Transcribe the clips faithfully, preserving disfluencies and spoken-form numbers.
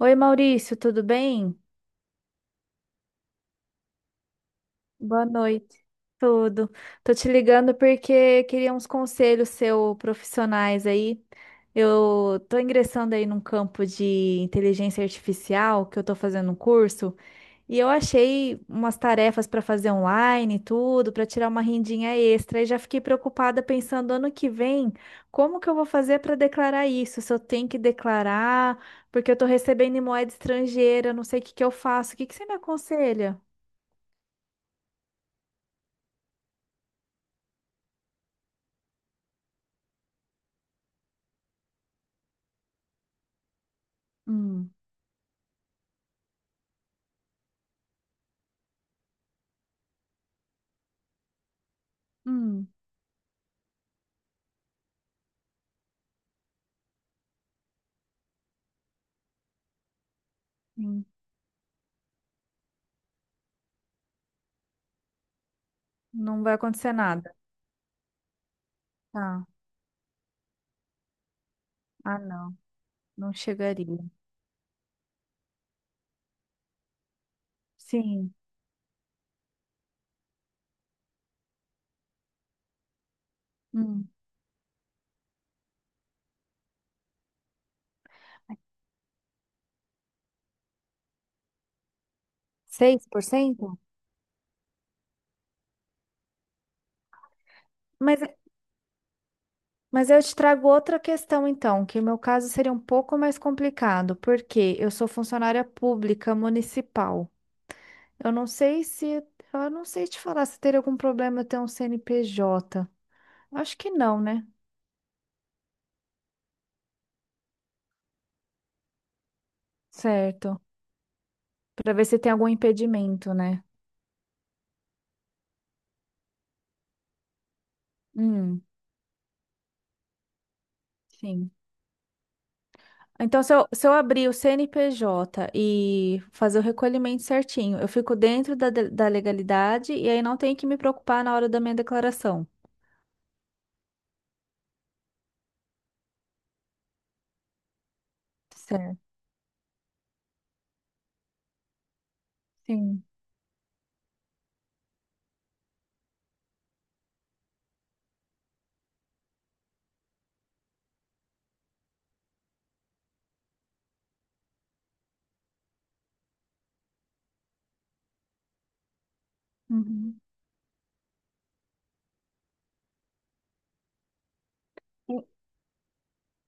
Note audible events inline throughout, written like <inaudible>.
Oi, Maurício, tudo bem? Boa noite. Tudo. Tô te ligando porque queria uns conselhos seus profissionais aí. Eu tô ingressando aí num campo de inteligência artificial que eu tô fazendo um curso. E eu achei umas tarefas para fazer online e tudo, para tirar uma rendinha extra. E já fiquei preocupada pensando ano que vem, como que eu vou fazer para declarar isso? Se eu tenho que declarar, porque eu estou recebendo em moeda estrangeira, eu não sei o que que eu faço. O que que você me aconselha? Hum, hum, hum. Não vai acontecer nada. Tá. Ah, não, não chegaria. Sim. Hum. Seis por cento. Mas Mas eu te trago outra questão, então, que o meu caso seria um pouco mais complicado, porque eu sou funcionária pública municipal. Eu não sei se, eu não sei te falar se teria algum problema eu ter um C N P J. Acho que não, né? Certo. Para ver se tem algum impedimento, né? Hum, sim. Então, se eu, se eu abrir o C N P J e fazer o recolhimento certinho, eu fico dentro da, de- da legalidade e aí não tenho que me preocupar na hora da minha declaração. Certo. Sim. Uhum.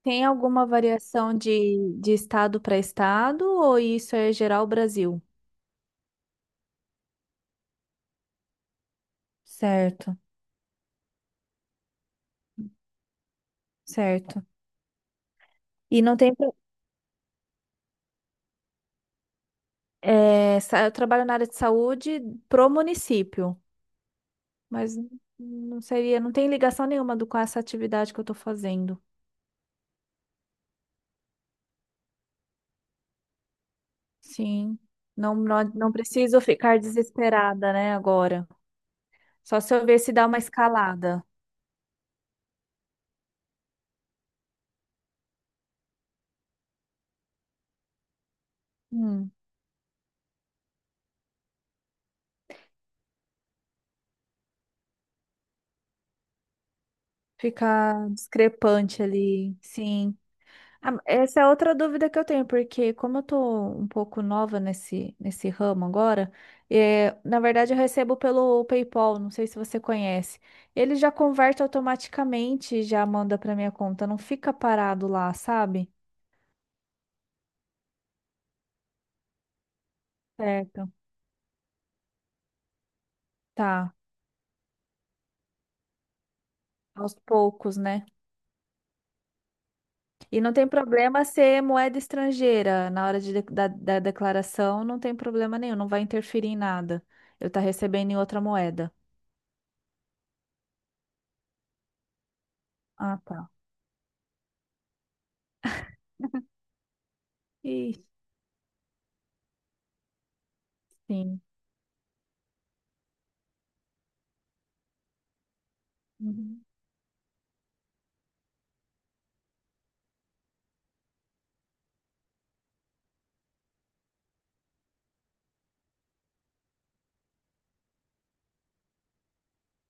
Tem alguma variação de, de estado para estado ou isso é geral Brasil? Certo, certo. E não tem. Pro- é, sa- eu trabalho na área de saúde pro município, mas não seria, não tem ligação nenhuma do, com essa atividade que eu estou fazendo. Sim. Não, não, não preciso ficar desesperada, né, agora. Só se eu ver se dá uma escalada. Hum, ficar discrepante ali. Sim. Ah, essa é outra dúvida que eu tenho, porque como eu tô um pouco nova nesse, nesse ramo agora, é, na verdade eu recebo pelo PayPal, não sei se você conhece. Ele já converte automaticamente e já manda para minha conta, não fica parado lá, sabe? Certo. Tá, aos poucos, né? E não tem problema ser moeda estrangeira na hora de, de- da, da declaração, não tem problema nenhum, não vai interferir em nada. Eu tá recebendo em outra moeda. Ah, tá. E sim. Uhum.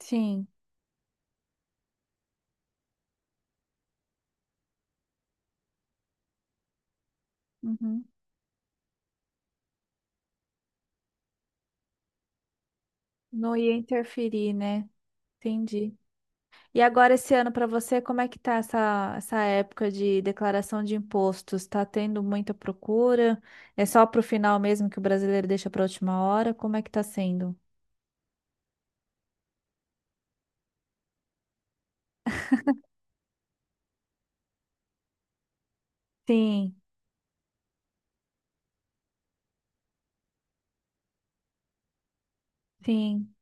Sim. Uhum. Não ia interferir, né? Entendi. E agora esse ano para você, como é que tá essa, essa época de declaração de impostos? Tá tendo muita procura? É só pro final mesmo que o brasileiro deixa para última hora? Como é que tá sendo? Sim, sim.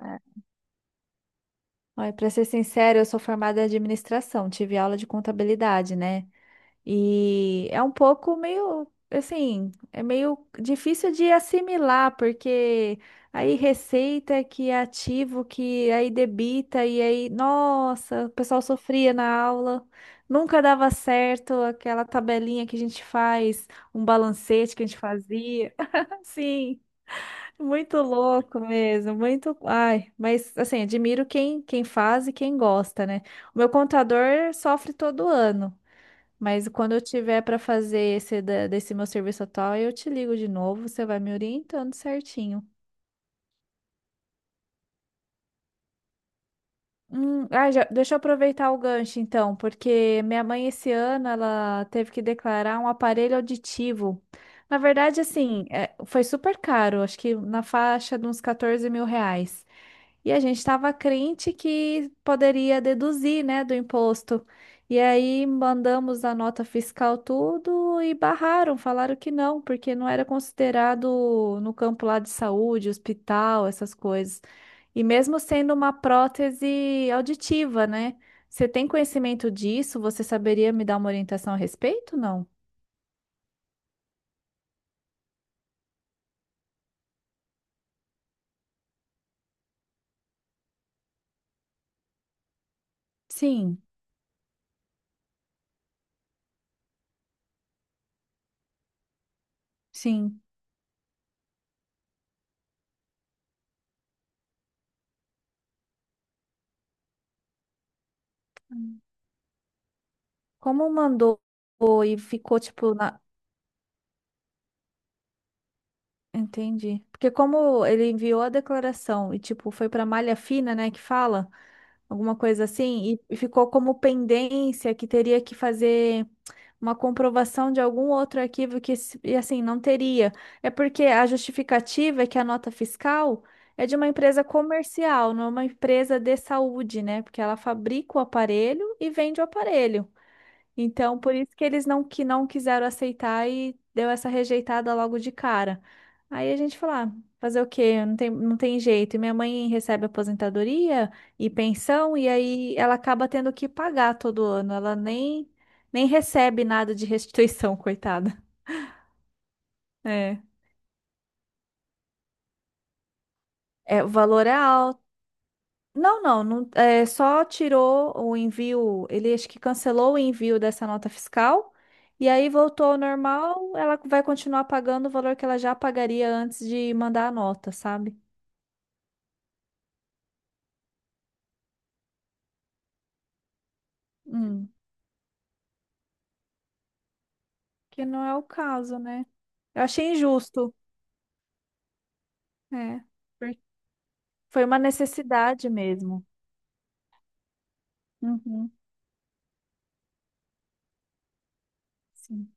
É. Olha, para ser sincero, eu sou formada em administração, tive aula de contabilidade, né? E é um pouco meio, assim, é meio difícil de assimilar, porque aí receita que é ativo, que aí debita, e aí, nossa, o pessoal sofria na aula, nunca dava certo aquela tabelinha que a gente faz, um balancete que a gente fazia. <laughs> Assim, muito louco mesmo, muito. Ai, mas assim, admiro quem, quem faz e quem gosta, né? O meu contador sofre todo ano. Mas quando eu tiver para fazer esse da- desse meu serviço atual, eu te ligo de novo, você vai me orientando certinho. Hum, ah, já- deixa eu aproveitar o gancho então, porque minha mãe esse ano ela teve que declarar um aparelho auditivo. Na verdade, assim, é, foi super caro, acho que na faixa de uns quatorze mil reais. E a gente estava crente que poderia deduzir, né, do imposto. E aí mandamos a nota fiscal tudo e barraram, falaram que não, porque não era considerado no campo lá de saúde, hospital, essas coisas. E mesmo sendo uma prótese auditiva, né? Você tem conhecimento disso? Você saberia me dar uma orientação a respeito? Não? Sim, sim. Como mandou e ficou tipo na- Entendi. Porque como ele enviou a declaração e tipo foi para malha fina, né, que fala alguma coisa assim, e, e ficou como pendência que teria que fazer uma comprovação de algum outro arquivo que s- e assim não teria. É porque a justificativa é que a nota fiscal é de uma empresa comercial, não é uma empresa de saúde, né? Porque ela fabrica o aparelho e vende o aparelho. Então, por isso que eles não que não quiseram aceitar e deu essa rejeitada logo de cara. Aí a gente falou, ah, fazer o quê? Não tem, não tem jeito. E minha mãe recebe aposentadoria e pensão, e aí ela acaba tendo que pagar todo ano. Ela nem, nem recebe nada de restituição, <laughs> coitada. É. É, o valor é alto. Não, não, não, é, só tirou o envio, ele acho que cancelou o envio dessa nota fiscal e aí voltou ao normal, ela vai continuar pagando o valor que ela já pagaria antes de mandar a nota, sabe? Hum, que não é o caso, né? Eu achei injusto, é. por- Foi uma necessidade mesmo. Uhum, sim.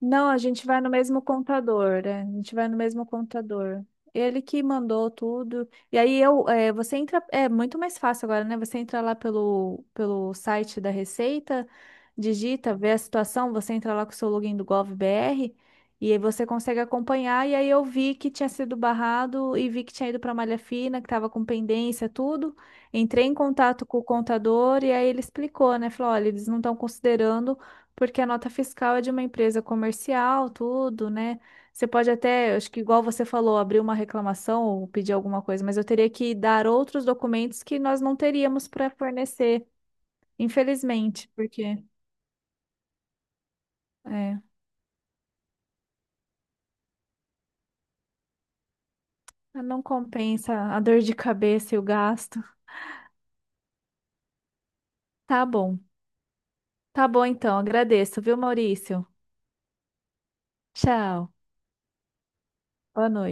Não, a gente vai no mesmo contador, né? A gente vai no mesmo contador. Ele que mandou tudo. E aí eu, é, você entra, é muito mais fácil agora, né? Você entra lá pelo, pelo site da Receita, digita, vê a situação, você entra lá com o seu login do GovBR e aí você consegue acompanhar. E aí eu vi que tinha sido barrado e vi que tinha ido para malha fina, que estava com pendência, tudo. Entrei em contato com o contador e aí ele explicou, né? Falou, olha, eles não estão considerando porque a nota fiscal é de uma empresa comercial, tudo, né? Você pode até, acho que igual você falou, abrir uma reclamação ou pedir alguma coisa, mas eu teria que dar outros documentos que nós não teríamos para fornecer, infelizmente, porque é, não compensa a dor de cabeça e o gasto. Tá bom. Tá bom então, agradeço, viu, Maurício? Tchau. Boa noite.